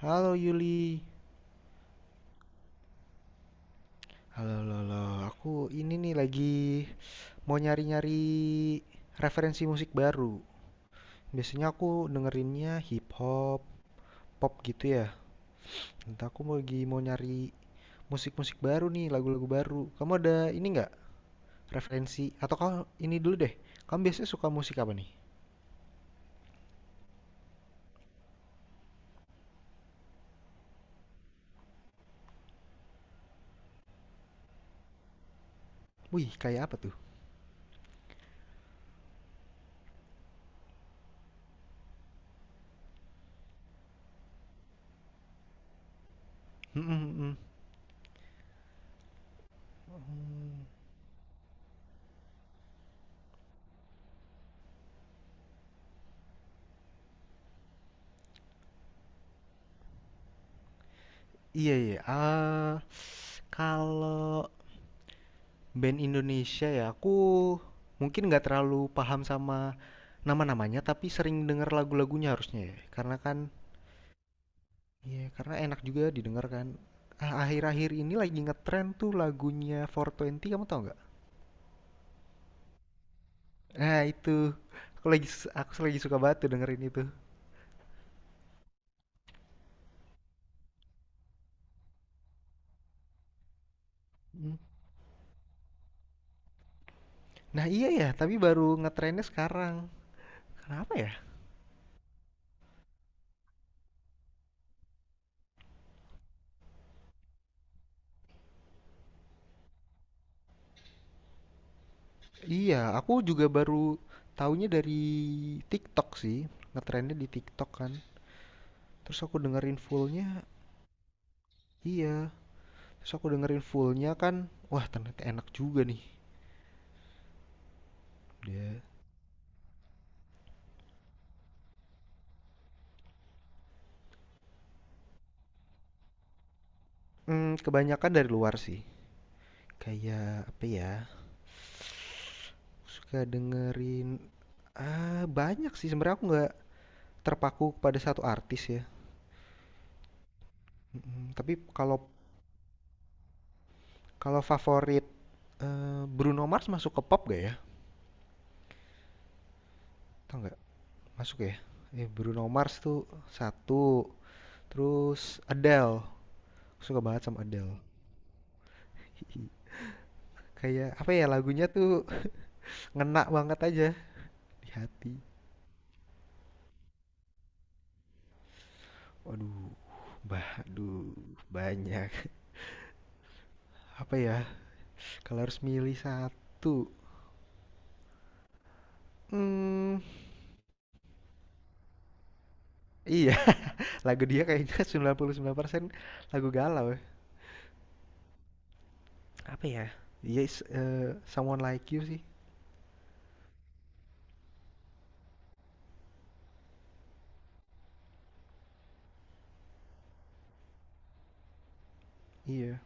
Halo Yuli. Halo, halo, halo. Aku ini nih lagi mau nyari-nyari referensi musik baru. Biasanya aku dengerinnya hip hop, pop gitu ya. Entah aku mau lagi mau nyari musik-musik baru nih, lagu-lagu baru. Kamu ada ini nggak referensi? Atau kau ini dulu deh. Kamu biasanya suka musik apa nih? Wih, kayak apa tuh? Hmm, hmm, hmm. Hmm. Iya, iya. Ah, kalau Band Indonesia ya, aku mungkin nggak terlalu paham sama nama-namanya, tapi sering denger lagu-lagunya harusnya ya. Karena kan, ya karena enak juga didengar kan. Ah, akhir-akhir ini lagi ngetren tuh lagunya 420, kamu tau nggak? Nah itu, aku lagi aku lagi suka banget tuh dengerin itu. Hmm. Nah iya ya, tapi baru ngetrennya sekarang. Kenapa ya? Iya, aku juga baru taunya dari TikTok sih. Ngetrennya di TikTok kan. Terus aku dengerin fullnya, iya. Terus aku dengerin fullnya kan, wah ternyata enak juga nih. Dia, hmm, kebanyakan dari luar sih. Kayak apa ya? Suka dengerin, ah banyak sih sebenarnya, aku nggak terpaku pada satu artis ya. Mm, tapi kalau kalau favorit, Bruno Mars masuk ke pop gak ya? Tau nggak? Masuk ya? Eh, Bruno Mars tuh satu. Terus Adele, suka banget sama Adele. Kayak apa ya lagunya tuh ngena banget aja di hati. Waduh, bah, aduh, banyak. Apa ya? Kalau harus milih satu, hmm, iya, lagu dia kayaknya sembilan 99% lagu galau ya. Apa ya? Yes, Someone Like You sih, iya.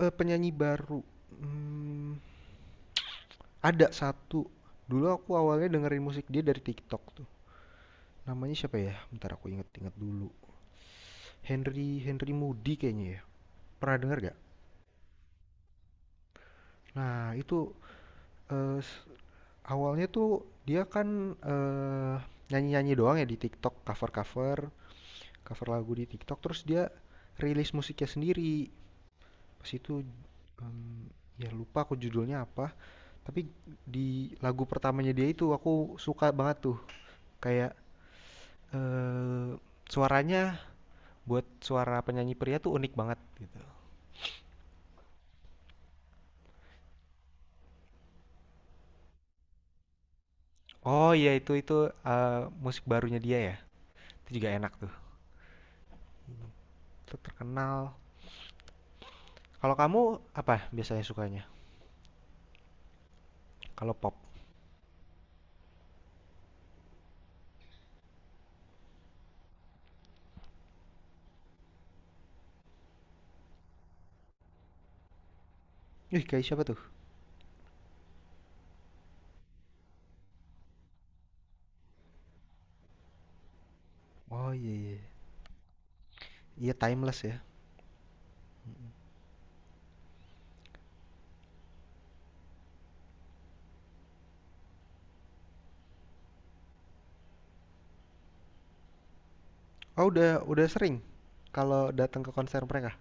Penyanyi baru, mmm, ada satu, dulu aku awalnya dengerin musik dia dari TikTok tuh. Namanya siapa ya? Bentar aku inget-inget dulu. Henry Henry Moody kayaknya ya, pernah denger nggak? Nah itu, eee, s Awalnya tuh dia kan, nyanyi-nyanyi doang ya di TikTok, cover-cover, cover lagu di TikTok, terus dia rilis musiknya sendiri. Pas itu, mmm, ya lupa aku judulnya apa, tapi di lagu pertamanya dia itu aku suka banget tuh. Kayak, eee, suaranya, buat suara penyanyi pria tuh unik banget gitu. Oh iya itu, musik barunya dia ya? Itu juga enak tuh, itu terkenal. Kalau kamu apa biasanya sukanya kalau pop? Ih, kayak siapa tuh? Oh iya iya. Iya, timeless ya. Oh udah sering kalau datang ke konser mereka.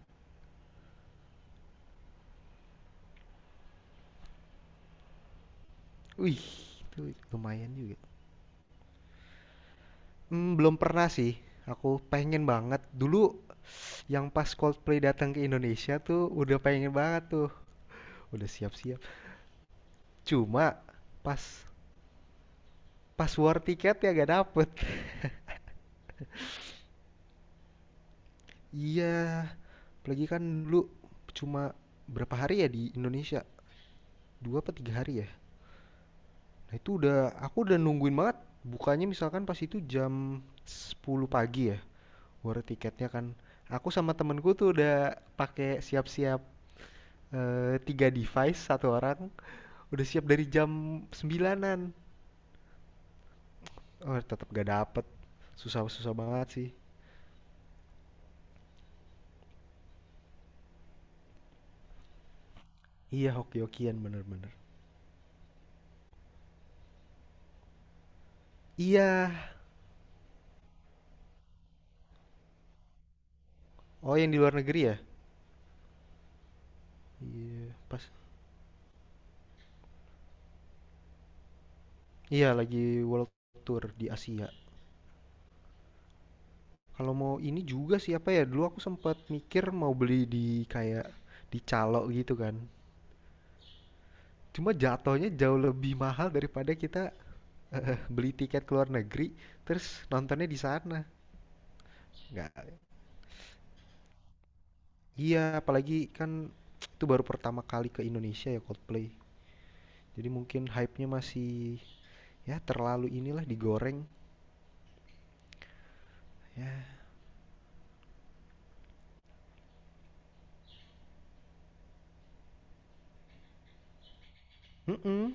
Wih, itu lumayan juga. Hmm, belum pernah sih. Aku pengen banget. Dulu yang pas Coldplay datang ke Indonesia tuh udah pengen banget tuh. Udah siap-siap. Cuma pas pas war tiket ya gak dapet. Iya, apalagi kan dulu cuma berapa hari ya di Indonesia? Dua apa tiga hari ya? Nah, itu udah aku udah nungguin banget bukanya misalkan pas itu jam 10 pagi ya war tiketnya kan. Aku sama temenku tuh udah pakai siap-siap, tiga device satu orang udah siap dari jam sembilanan. Oh, tetap gak dapet. Susah-susah banget sih. Iya, hoki-hokian bener-bener. Iya. Oh, yang di luar negeri ya? Iya, pas. Iya, lagi world tour di Asia. Kalau mau ini juga sih apa ya, dulu aku sempat mikir mau beli di kayak di calo gitu kan. Cuma jatuhnya jauh lebih mahal daripada kita beli tiket ke luar negeri terus nontonnya di sana. Nggak, iya apalagi kan itu baru pertama kali ke Indonesia ya Coldplay. Jadi mungkin hype-nya masih ya terlalu inilah digoreng. Ya, mm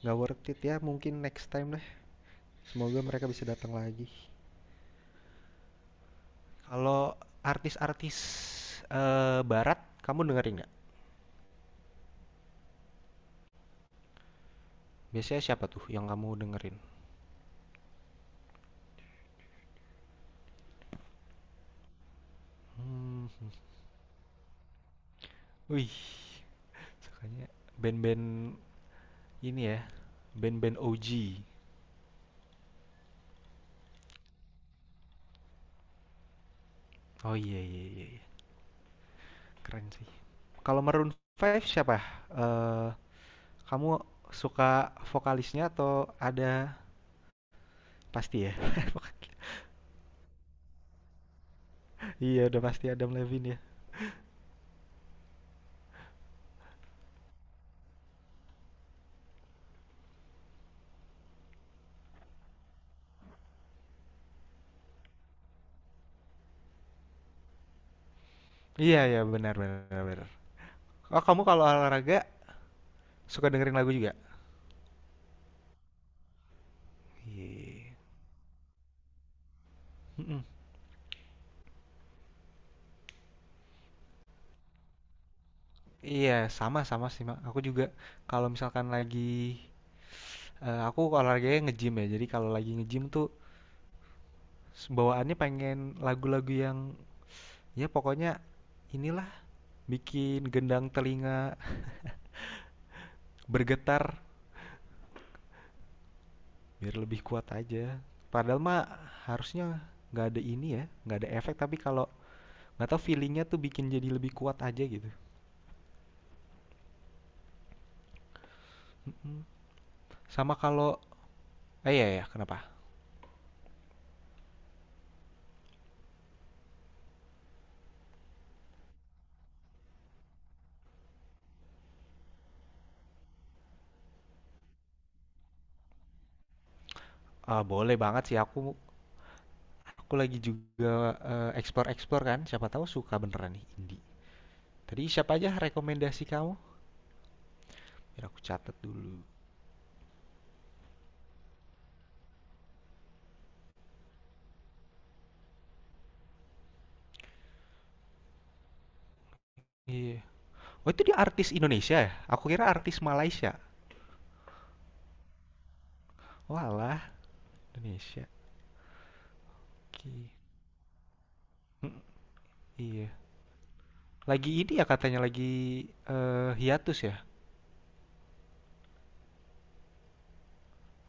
nggak worth it ya. Mungkin next time lah. Semoga mereka bisa datang lagi. Kalau artis-artis barat kamu dengerin nggak? Biasanya siapa tuh yang kamu dengerin? Hmm, wih, sukanya band-band ini ya, band-band OG. Oh iya iya iya, iya. Keren sih. Kalau Maroon 5 siapa? Eh, kamu suka vokalisnya atau ada pasti ya? Iya udah pasti Adam Levine ya. Iya iya benar benar benar. Oh kamu kalau olahraga suka dengerin lagu juga? Iya. Mm-mm. Iya, sama-sama sih, Mak. Aku juga kalau misalkan lagi, aku olahraganya nge-gym ya. Jadi kalau lagi nge-gym tuh bawaannya pengen lagu-lagu yang ya pokoknya inilah bikin gendang telinga bergetar biar lebih kuat aja. Padahal mah harusnya nggak ada ini ya, nggak ada efek. Tapi kalau nggak tahu feelingnya tuh bikin jadi lebih kuat aja gitu. Mm-mm. Sama kalau, eh iya ya, kenapa? Ah, boleh banget sih aku. Aku lagi juga explore-explore kan, siapa tahu suka beneran nih indie. Tadi siapa aja rekomendasi kamu? Biar aku catat dulu. Oh itu dia artis Indonesia ya? Aku kira artis Malaysia. Walah, Indonesia. Oke, iya. Lagi ini ya katanya lagi hiatus ya.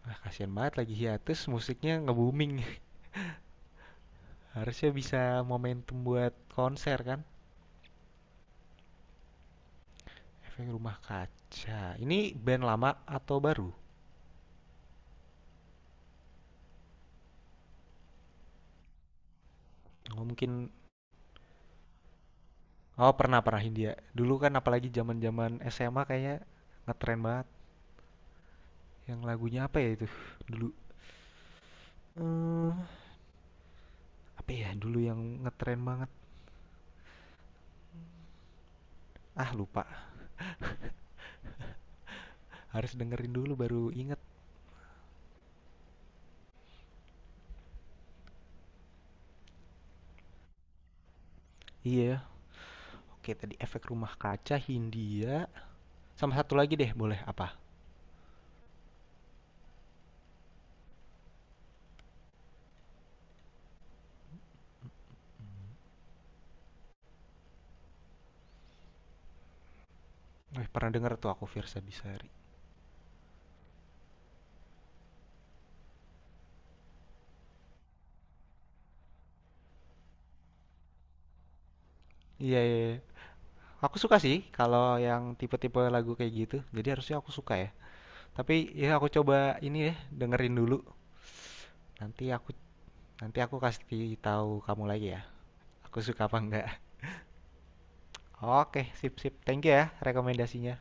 Ah, kasihan banget lagi hiatus, musiknya nge-booming. Harusnya bisa momentum buat konser kan? Efek Rumah Kaca. Ini band lama atau baru? Oh, mungkin. Oh pernah pernah Hindia. Dulu kan apalagi zaman-zaman SMA kayaknya ngetren banget. Yang lagunya apa ya itu dulu? Eh apa ya dulu yang ngetren banget? Ah lupa. Harus dengerin dulu baru inget. Iya. Oke tadi Efek Rumah Kaca, Hindia. Sama satu lagi deh boleh apa? Eh pernah denger tuh aku Virsa Besari. Iya iya, iya. Aku suka sih kalau yang tipe-tipe lagu kayak gitu. Jadi harusnya aku suka ya. Tapi ya aku coba ini ya dengerin dulu. Nanti aku nanti aku kasih tahu kamu lagi ya. Aku suka apa enggak. Oke, sip sip. Thank you ya rekomendasinya.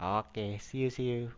Oke, see you see you.